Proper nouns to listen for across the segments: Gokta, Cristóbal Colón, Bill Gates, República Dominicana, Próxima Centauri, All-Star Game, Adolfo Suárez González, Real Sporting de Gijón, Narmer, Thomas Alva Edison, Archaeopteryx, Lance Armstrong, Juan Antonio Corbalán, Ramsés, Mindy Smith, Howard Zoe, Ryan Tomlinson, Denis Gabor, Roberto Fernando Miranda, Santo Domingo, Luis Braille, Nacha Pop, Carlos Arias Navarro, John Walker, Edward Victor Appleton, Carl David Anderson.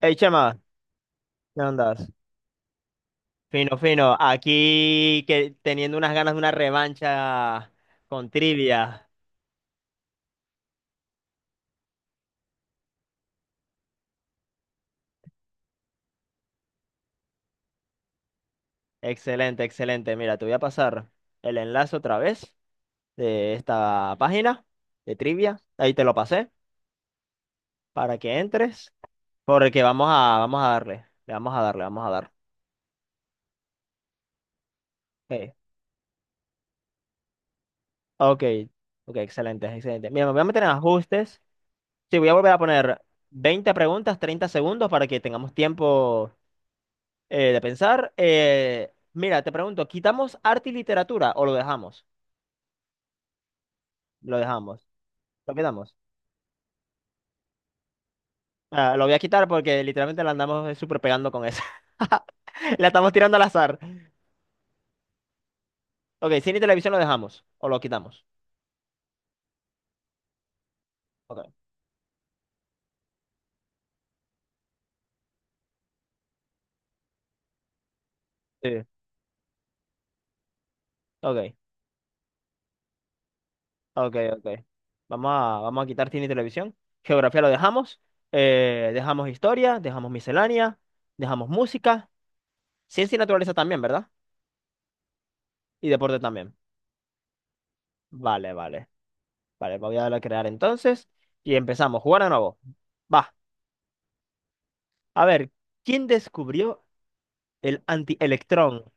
Hey, Chema, ¿qué andas? Fino, fino. Aquí que, teniendo unas ganas de una revancha con trivia. Excelente, excelente. Mira, te voy a pasar el enlace otra vez de esta página de trivia. Ahí te lo pasé para que entres. Porque vamos a darle. Le vamos a darle, vamos a dar. Ok, ok, ok, excelente, excelente. Mira, me voy a meter en ajustes. Sí, voy a volver a poner 20 preguntas, 30 segundos para que tengamos tiempo de pensar. Mira, te pregunto, ¿quitamos arte y literatura o lo dejamos? Lo dejamos. ¿Lo quitamos? Ah, lo voy a quitar porque literalmente la andamos súper pegando con eso. La estamos tirando al azar. Ok, cine y televisión lo dejamos o lo quitamos. Ok. Sí. Ok, ok, ok. Vamos a quitar cine y televisión. Geografía lo dejamos. Dejamos historia, dejamos miscelánea, dejamos música. Ciencia y naturaleza también, ¿verdad? Y deporte también. Vale, vale. Vale, voy a darle a crear entonces y empezamos. Jugar de nuevo. Va. A ver, ¿quién descubrió el antielectrón?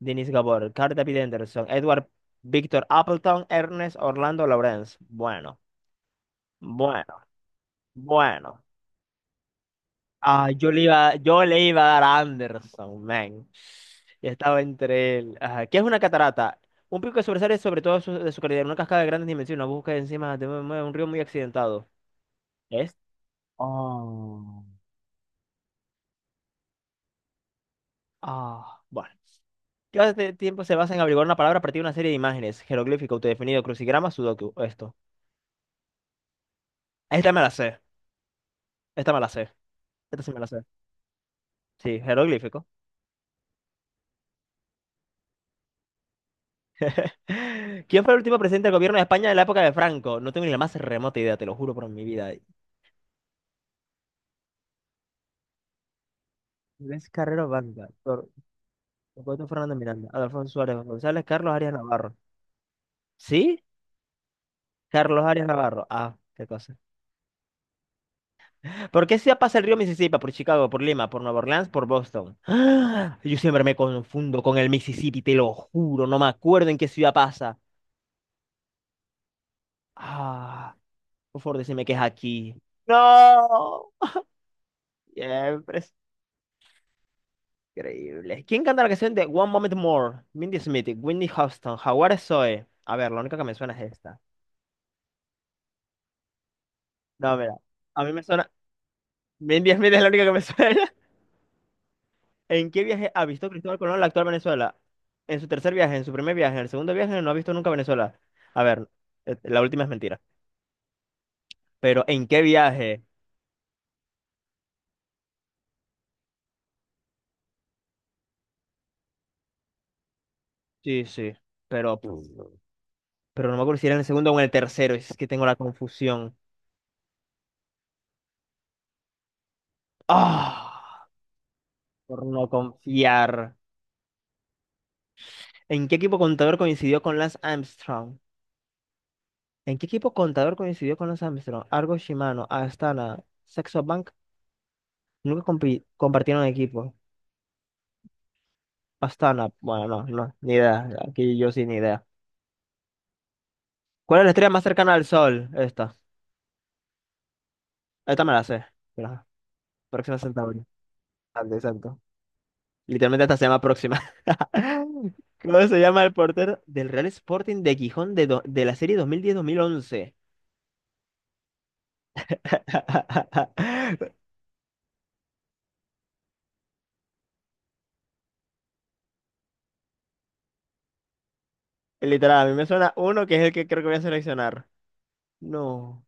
Denis Gabor, Carl David Anderson, Edward Victor Appleton, Ernest Orlando Lawrence. Bueno, bueno, bueno. Ah, yo le iba a dar a Anderson, man. Y estaba entre él. Ajá, ¿qué es una catarata? Un pico que sobresale sobre todo de su calidad, una cascada de grandes dimensiones, una búsqueda encima de un río muy accidentado. ¿Es? Oh. Ah, bueno. ¿Qué hace tiempo se basa en averiguar una palabra a partir de una serie de imágenes? Jeroglífico, autodefinido, crucigrama, sudoku. Esto. Esta me la sé. Esta me la sé. Esta sí me la sé. Sí, jeroglífico. ¿Quién fue el último presidente del gobierno de España de la época de Franco? No tengo ni la más remota idea, te lo juro por mi vida. Luis Carrero Banda, ¿por Roberto Fernando Miranda, Adolfo Suárez González, Carlos Arias Navarro. ¿Sí? Carlos Arias Navarro. Ah, qué cosa. ¿Por qué se pasa el río Mississippi? ¿Por Chicago, por Lima, por Nueva Orleans, por Boston? ¡Ah! Yo siempre me confundo con el Mississippi, te lo juro. No me acuerdo en qué ciudad pasa. Ah, por favor, decime que es aquí. ¡No! Siempre es increíble. ¿Quién canta la canción de One Moment More? Mindy Smith, Whitney Houston, Howard Zoe. A ver, la única que me suena es esta. No, mira. A mí me suena. Mindy Smith es la única que me suena. ¿En qué viaje ha visto Cristóbal Colón la actual Venezuela? En su tercer viaje, en su primer viaje, en el segundo viaje, no ha visto nunca Venezuela. A ver, la última es mentira. Pero ¿en qué viaje? Sí, sí. Pero no me acuerdo si era en el segundo o en el tercero. Es que tengo la confusión. Ah, por no confiar. ¿En qué equipo contador coincidió con Lance Armstrong? ¿En qué equipo contador coincidió con Lance Armstrong? Argo Shimano, Astana, Saxo Bank. Nunca compartieron equipo. Astana, bueno, no, no, ni idea. Aquí yo sí, ni idea. ¿Cuál es la estrella más cercana al Sol? Esta. Esta me la sé. Mira, Próxima Centauri. Grande, exacto. Literalmente esta se llama Próxima. ¿Cómo se llama el portero del Real Sporting de Gijón de la serie dos dos mil diez mil once? Literal, a mí me suena uno que es el que creo que voy a seleccionar. No.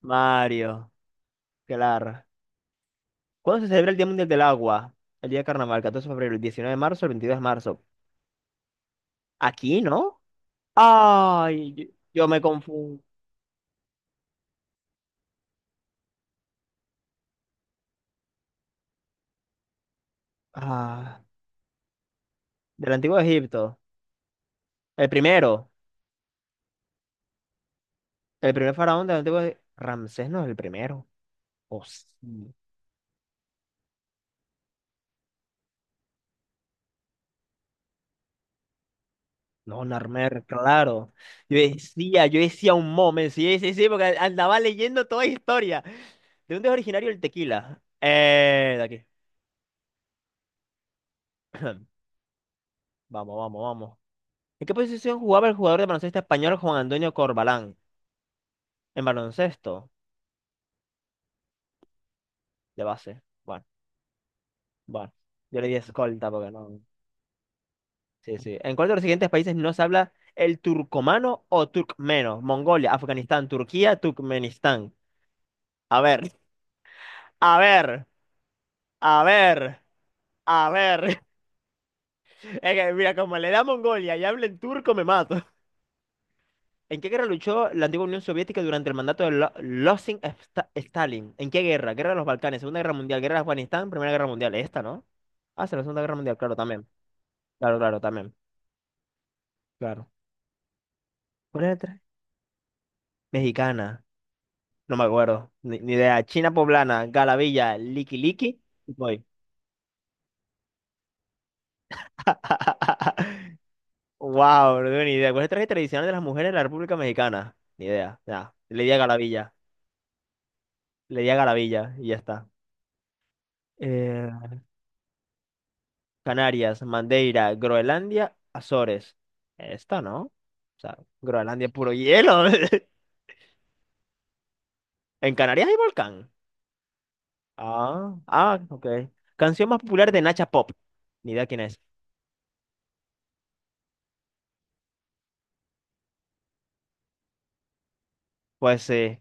Mario. Claro. ¿Cuándo se celebra el Día Mundial del Agua? El día de carnaval, 14 de febrero, el 19 de marzo, el 22 de marzo. ¿Aquí, no? Ay, yo me confundo. Ah. Del Antiguo Egipto. El primero. El primer faraón del Antiguo Egipto. Ramsés no es el primero. Oh, sí. No, Narmer, claro. Yo decía un momento. Sí, sí, sí, porque andaba leyendo toda historia. ¿De dónde es originario el tequila? De aquí. Vamos, vamos, vamos. ¿En qué posición jugaba el jugador de baloncesto español Juan Antonio Corbalán? En baloncesto, de base. Bueno, bueno. Yo le di escolta porque no. Sí, sí. ¿En cuál de los siguientes países no se habla el turcomano o turcmeno? Mongolia, Afganistán, Turquía, Turkmenistán. A ver, a ver, a ver, a ver. Es que, mira, como le da a Mongolia y habla en turco, me mato. ¿En qué guerra luchó la antigua Unión Soviética durante el mandato de Losing Stalin? ¿En qué guerra? Guerra de los Balcanes, Segunda Guerra Mundial, Guerra de Afganistán, Primera Guerra Mundial. Esta, ¿no? Ah, sí, la Segunda Guerra Mundial, claro, también. Claro, claro, también. Claro. ¿Cuál era la otra? Mexicana. No me acuerdo. Ni idea. China poblana, Galavilla, Liki Liki. Voy. Wow, no tengo ni idea. ¿Cuáles trajes tradicionales de las mujeres de la República Mexicana? Ni idea. Ya. Le di a Galavilla. Le di a Galavilla y ya está. Eh, Canarias, Madeira, Groenlandia, Azores. Esta, ¿no? O sea, Groenlandia es puro hielo. En Canarias hay volcán. Ah, ah, ok. Canción más popular de Nacha Pop. Ni idea quién es. Pues sí.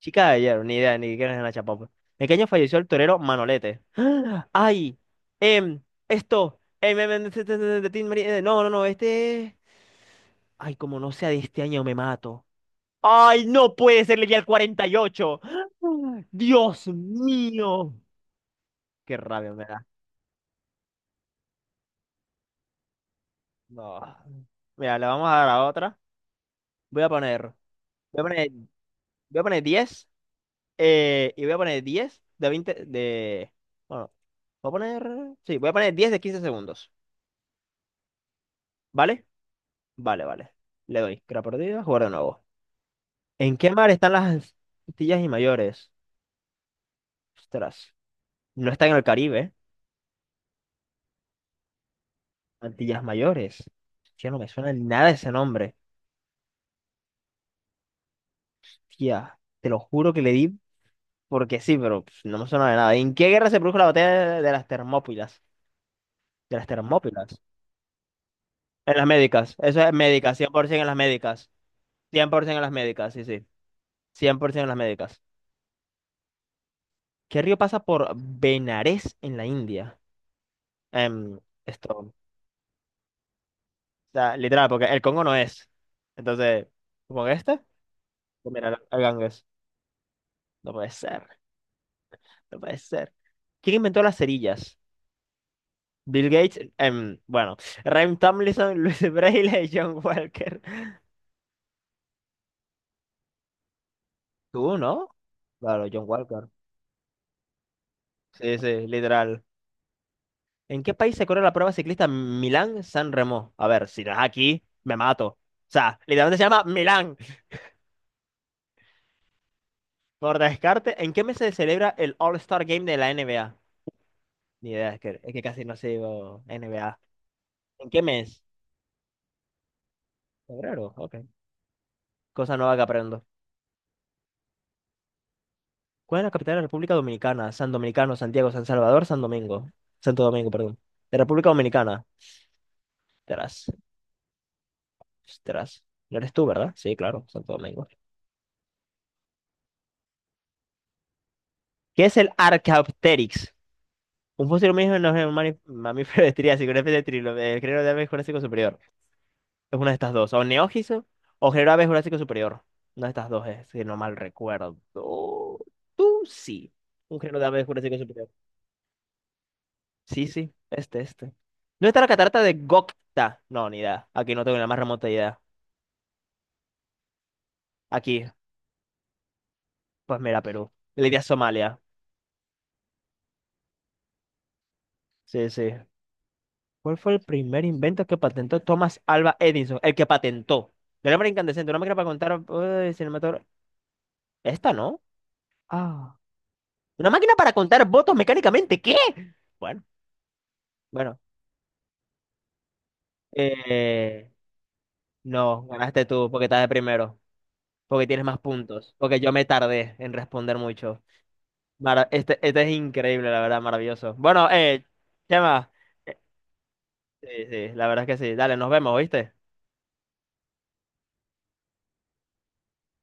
Chica de ayer, ni idea, ni quién es la chapapa. ¿En qué año falleció el torero Manolete? ¡Ay! Em, esto. Este, este, este, este, Tin Marín, no, no, no, este. Ay, como no sea de este año, me mato. ¡Ay, no puede ser! Leí al 48. ¡Dios mío! ¡Qué rabia me da! No. Mira, le vamos a dar a otra. Voy a poner. Voy a poner, voy a poner 10 y voy a poner 10 de 20 De. Bueno, voy a poner. Sí, voy a poner 10 de 15 segundos. ¿Vale? Vale, vale. Le doy. Crea perdida, jugar de nuevo. ¿En qué mar están las Antillas y Mayores? Ostras. No está en el Caribe. Antillas Mayores. Hostia, no me suena ni nada ese nombre. Tía, te lo juro que le di porque sí, pero pf, no me suena de nada. ¿En qué guerra se produjo la batalla de las Termópilas? De las Termópilas. En las médicas. Eso es médicas. 100% en las médicas. 100% en las médicas, sí, sí. 100% en las médicas. ¿Qué río pasa por Benares en la India? Em, esto, o sea, literal, porque el Congo no es. Entonces, supongo que este, pues mira, el Ganges. No puede ser, no puede ser. ¿Quién inventó las cerillas? Bill Gates, bueno, Ryan Tomlinson, Luis Braille y John Walker. ¿Tú, no? Claro, John Walker. Sí, sí, literal. ¿En qué país se corre la prueba ciclista Milán-San Remo? A ver, si no es aquí, me mato. O sea, literalmente se llama Milán. Por descarte, ¿en qué mes se celebra el All-Star Game de la NBA? Ni idea, es que casi no sigo NBA. ¿En qué mes? Febrero, ok. Cosa nueva que aprendo. ¿Cuál es la capital de la República Dominicana? San Dominicano, Santiago, San Salvador, San Domingo. Santo Domingo, perdón. De República Dominicana. Tras, tras. No eres tú, ¿verdad? Sí, claro, Santo Domingo. ¿Qué es el Archaeopteryx? Un fósil mismo no es un mamífero de Triásico, una especie de trilo, el género de aves Jurásico superior. Es una de estas dos. O Neogiso o Genera B Jurásico Superior. Una de estas dos es, si no mal recuerdo. Tú sí. Un género de aves Jurásico Superior. Sí, sí. Este, este. ¿no está la catarata de Gokta? No, ni idea. Aquí no tengo la más remota idea. Aquí, pues mira, Perú. Le di a Somalia. Sí, sí. ¿Cuál fue el primer invento que patentó Thomas Alva Edison? El que patentó. La lámpara incandescente, una máquina para contar. Cinematógrafo- Esta, ¿no? Ah. Una máquina para contar votos mecánicamente. ¿Qué? Bueno, bueno. Eh, no, ganaste tú porque estás de primero, porque tienes más puntos, porque yo me tardé en responder mucho. Este, este es increíble, la verdad, maravilloso. Bueno, Chema, eh, sí, sí, la verdad es que sí. Dale, nos vemos, ¿oíste?